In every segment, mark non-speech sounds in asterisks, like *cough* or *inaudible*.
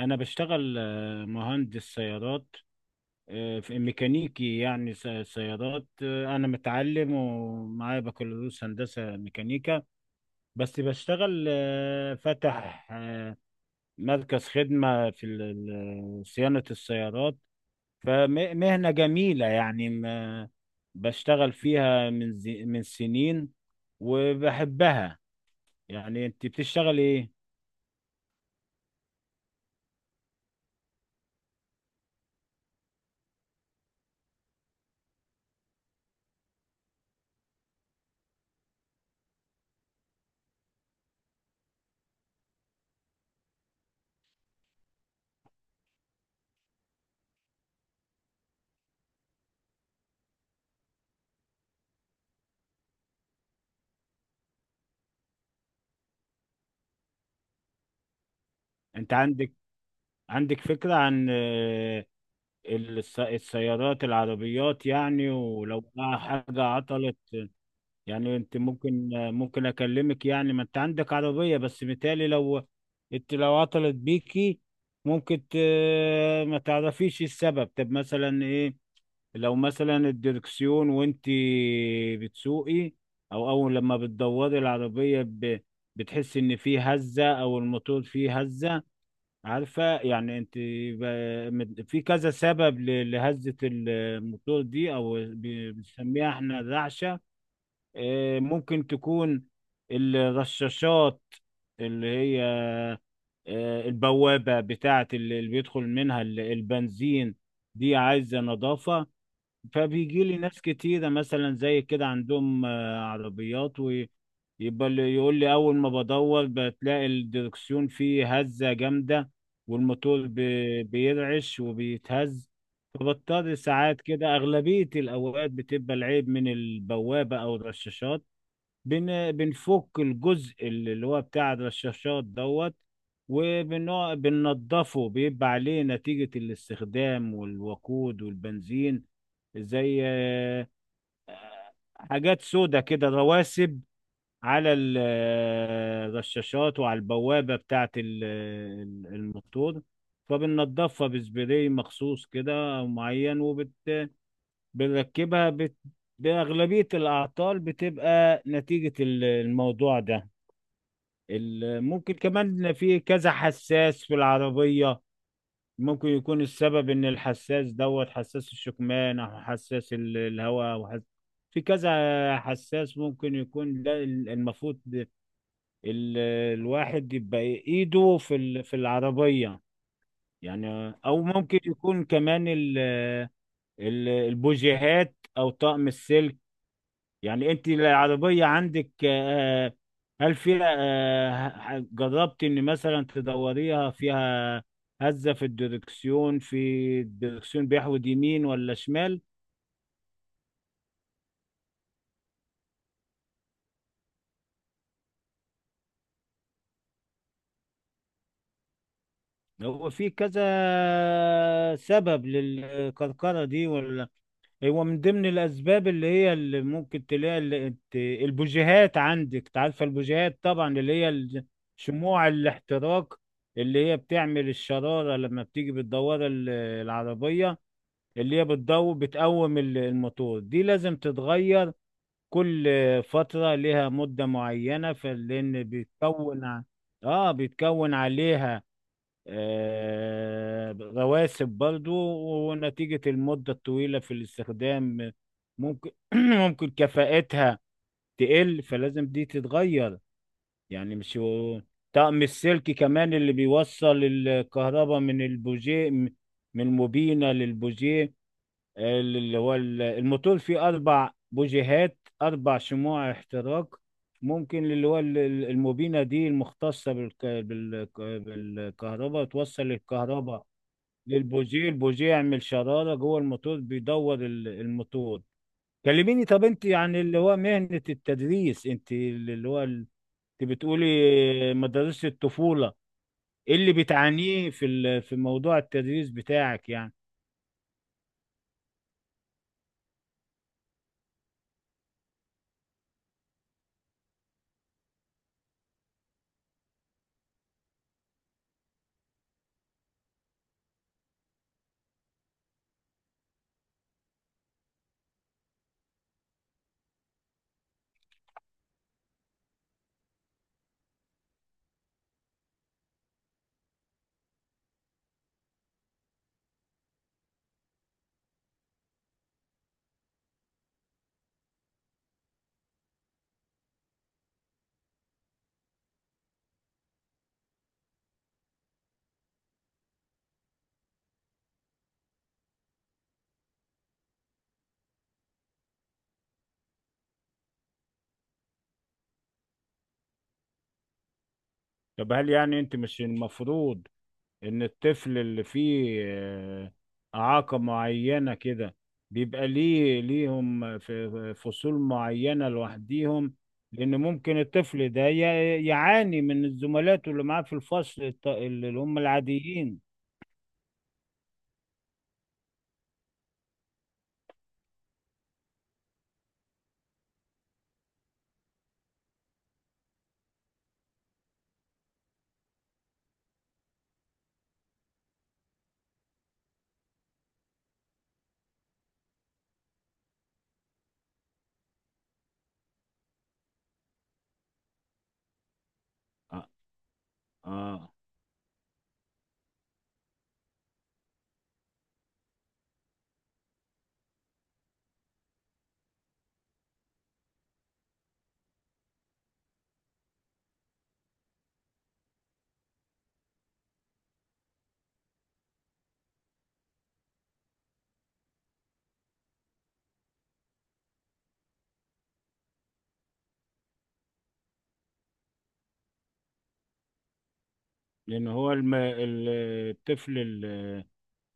انا بشتغل مهندس سيارات، آه، في ميكانيكي يعني سيارات. انا متعلم ومعايا بكالوريوس هندسة ميكانيكا، بس بشتغل فاتح مركز خدمة في صيانة السيارات، فمهنة جميلة يعني بشتغل فيها من من سنين وبحبها. يعني انت بتشتغل ايه؟ انت عندك فكرة عن السيارات، العربيات يعني، ولو بقى حاجة عطلت؟ يعني انت ممكن اكلمك، يعني ما انت عندك عربية، بس متهيألي لو انت لو عطلت بيكي ممكن ما تعرفيش السبب. طب مثلا ايه؟ لو مثلا الدركسيون وانت بتسوقي، او اول لما بتدوري العربية بتحس ان في هزة او الموتور فيه هزة. عارفة يعني انت، في كذا سبب لهزة الموتور دي، او بنسميها احنا الرعشة. اه، ممكن تكون الرشاشات، اللي هي اه، البوابة بتاعة اللي بيدخل منها البنزين، دي عايزة نظافة. فبيجي لي ناس كتيرة مثلا زي كده عندهم عربيات، ويبقى اللي يقول لي أول ما بدور بتلاقي الدركسيون فيه هزة جامدة، والموتور بيرعش وبيتهز. فبضطر ساعات كده، أغلبية الأوقات بتبقى العيب من البوابة أو الرشاشات. بنفك الجزء اللي هو بتاع الرشاشات دوت، بننضفه، بيبقى عليه نتيجة الاستخدام والوقود والبنزين، زي حاجات سودة كده رواسب على الرشاشات وعلى البوابة بتاعة الموتور، فبننضفها بسبراي مخصوص كده أو معين وبنركبها. بأغلبية الأعطال بتبقى نتيجة الموضوع ده. ممكن كمان في كذا حساس في العربية، ممكن يكون السبب ان الحساس دوت، حساس الشكمان او حساس الهواء او في كذا حساس، ممكن يكون ده المفروض ال... الواحد يبقى ايده في في العربية يعني. او ممكن يكون كمان البوجيهات او طقم السلك. يعني انت العربية عندك هل فيها، جربت ان مثلا تدوريها فيها هزة في الدركسيون؟ في الدركسيون بيحود يمين ولا شمال؟ هو في كذا سبب للكركرة دي، ولا هو من ضمن الأسباب اللي هي، اللي ممكن تلاقي اللي البوجيهات عندك. تعرف البوجيهات طبعا، اللي هي شموع الاحتراق، اللي هي بتعمل الشرارة لما بتيجي بتدور العربية، اللي هي بتضو بتقوم الموتور. دي لازم تتغير كل فترة، لها مدة معينة، فلأن بيتكون بيتكون عليها رواسب برضو، ونتيجة المدة الطويلة في الاستخدام ممكن *clears throat* ممكن كفاءتها تقل، فلازم دي تتغير. يعني مش هو- طقم السلك كمان اللي بيوصل الكهرباء من البوجيه، من الموبينة للبوجيه، اللي هو الموتور فيه أربع بوجيهات، أربع شموع احتراق. ممكن اللي هو الموبينة دي المختصة بالكهرباء توصل الكهرباء للبوجيه، البوجيه يعمل شرارة جوه الموتور، بيدور الموتور. كلميني، طب انت عن اللي هو مهنة التدريس، انت اللي هو انت بتقولي مدارس الطفولة، ايه اللي بتعانيه في في موضوع التدريس بتاعك يعني؟ طب هل يعني انت، مش المفروض ان الطفل اللي فيه اعاقة معينة كده بيبقى ليهم في فصول معينة لوحديهم؟ لان ممكن الطفل ده يعاني من الزملاء اللي معاه في الفصل، اللي هم العاديين. اه. آه. لان هو الطفل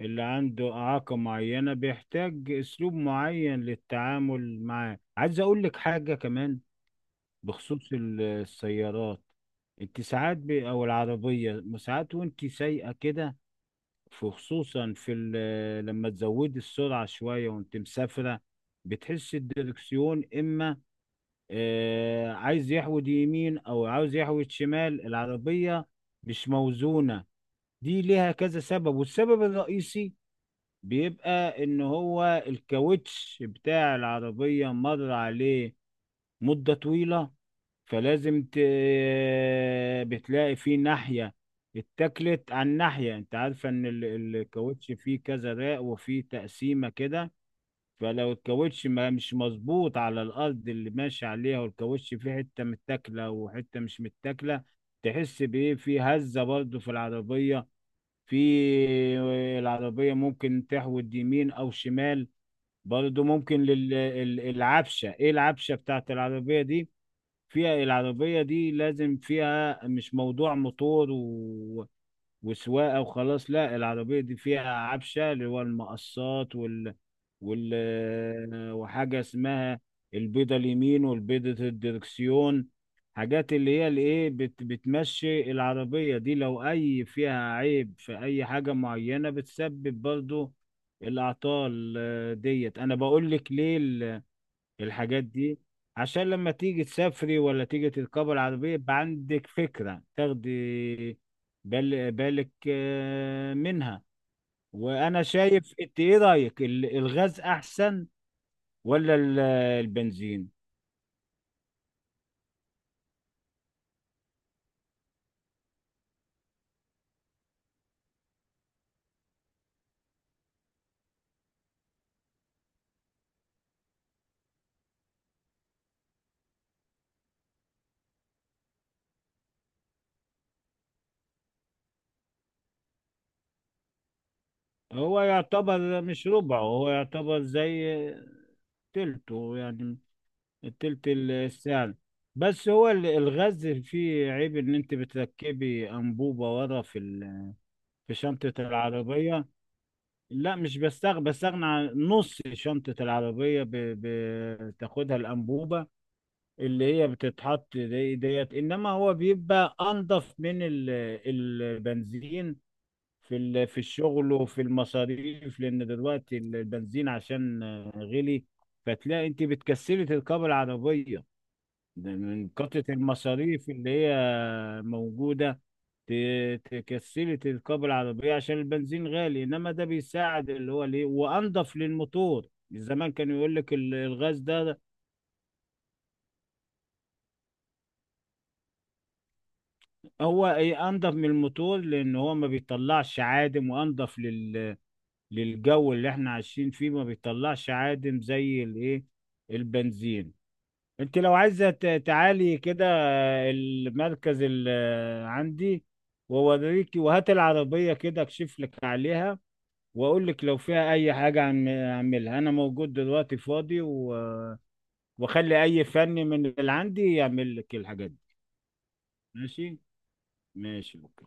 اللي عنده اعاقة معينة بيحتاج اسلوب معين للتعامل معاه. عايز اقول لك حاجة كمان بخصوص السيارات. انت ساعات او العربية ساعات وانت سايقة كده، خصوصا في لما تزودي السرعة شوية وانت مسافرة، بتحس الدركسيون اما آه عايز يحود يمين او عاوز يحود شمال، العربية مش موزونة. دي ليها كذا سبب، والسبب الرئيسي بيبقى ان هو الكاوتش بتاع العربية مر عليه مدة طويلة، فلازم بتلاقي في ناحية اتكلت عن ناحية. انت عارفة ان الكاوتش فيه كذا راق، وفيه تقسيمة كده، فلو الكاوتش ما مش مظبوط على الارض اللي ماشي عليها، والكاوتش فيه حتة متاكلة وحتة مش متاكلة، تحس بايه، في هزة برضو في العربية. في العربية ممكن تحود يمين او شمال برضو، ممكن للعفشة. ايه العفشة بتاعت العربية دي فيها؟ العربية دي لازم فيها، مش موضوع موتور وسواقة وخلاص. لا، العربية دي فيها عفشة، اللي هو المقصات وال... وحاجة اسمها البيضة اليمين والبيضة الدركسيون، حاجات اللي هي الايه بتمشي العربية دي، لو اي فيها عيب في اي حاجة معينة بتسبب برضو الأعطال ديت. أنا بقول لك ليه الحاجات دي، عشان لما تيجي تسافري ولا تيجي تركبي العربية يبقى عندك فكرة، تاخدي بالك منها. وأنا شايف، أنت إيه رأيك، الغاز أحسن ولا البنزين؟ هو يعتبر مش ربعه، هو يعتبر زي تلته يعني، تلت السعر. بس هو الغاز فيه عيب، ان انت بتركبي انبوبة ورا في في شنطة العربية. لا، مش بستغنى عن نص شنطة العربية، بتاخدها الأنبوبة اللي هي بتتحط دي ديت، إنما هو بيبقى أنضف من البنزين في في الشغل وفي المصاريف، لأن دلوقتي البنزين عشان غلي، فتلاقي أنت بتكسري تركبي العربية، ده من كترة المصاريف اللي هي موجودة. تكسري تركب العربية عشان البنزين غالي، إنما ده بيساعد اللي هو ليه، وأنضف للموتور. زمان كان يقول لك الغاز ده هو ايه انضف من الموتور، لان هو ما بيطلعش عادم، وانضف للجو اللي احنا عايشين فيه، ما بيطلعش عادم زي الايه البنزين. انت لو عايزة تعالي كده المركز اللي عندي، ووريكي، وهات العربية كده اكشف لك عليها، واقول لك لو فيها اي حاجه اعملها، انا موجود دلوقتي فاضي واخلي اي فني من اللي عندي يعمل لك الحاجات دي. ماشي، ماشي، اوكي.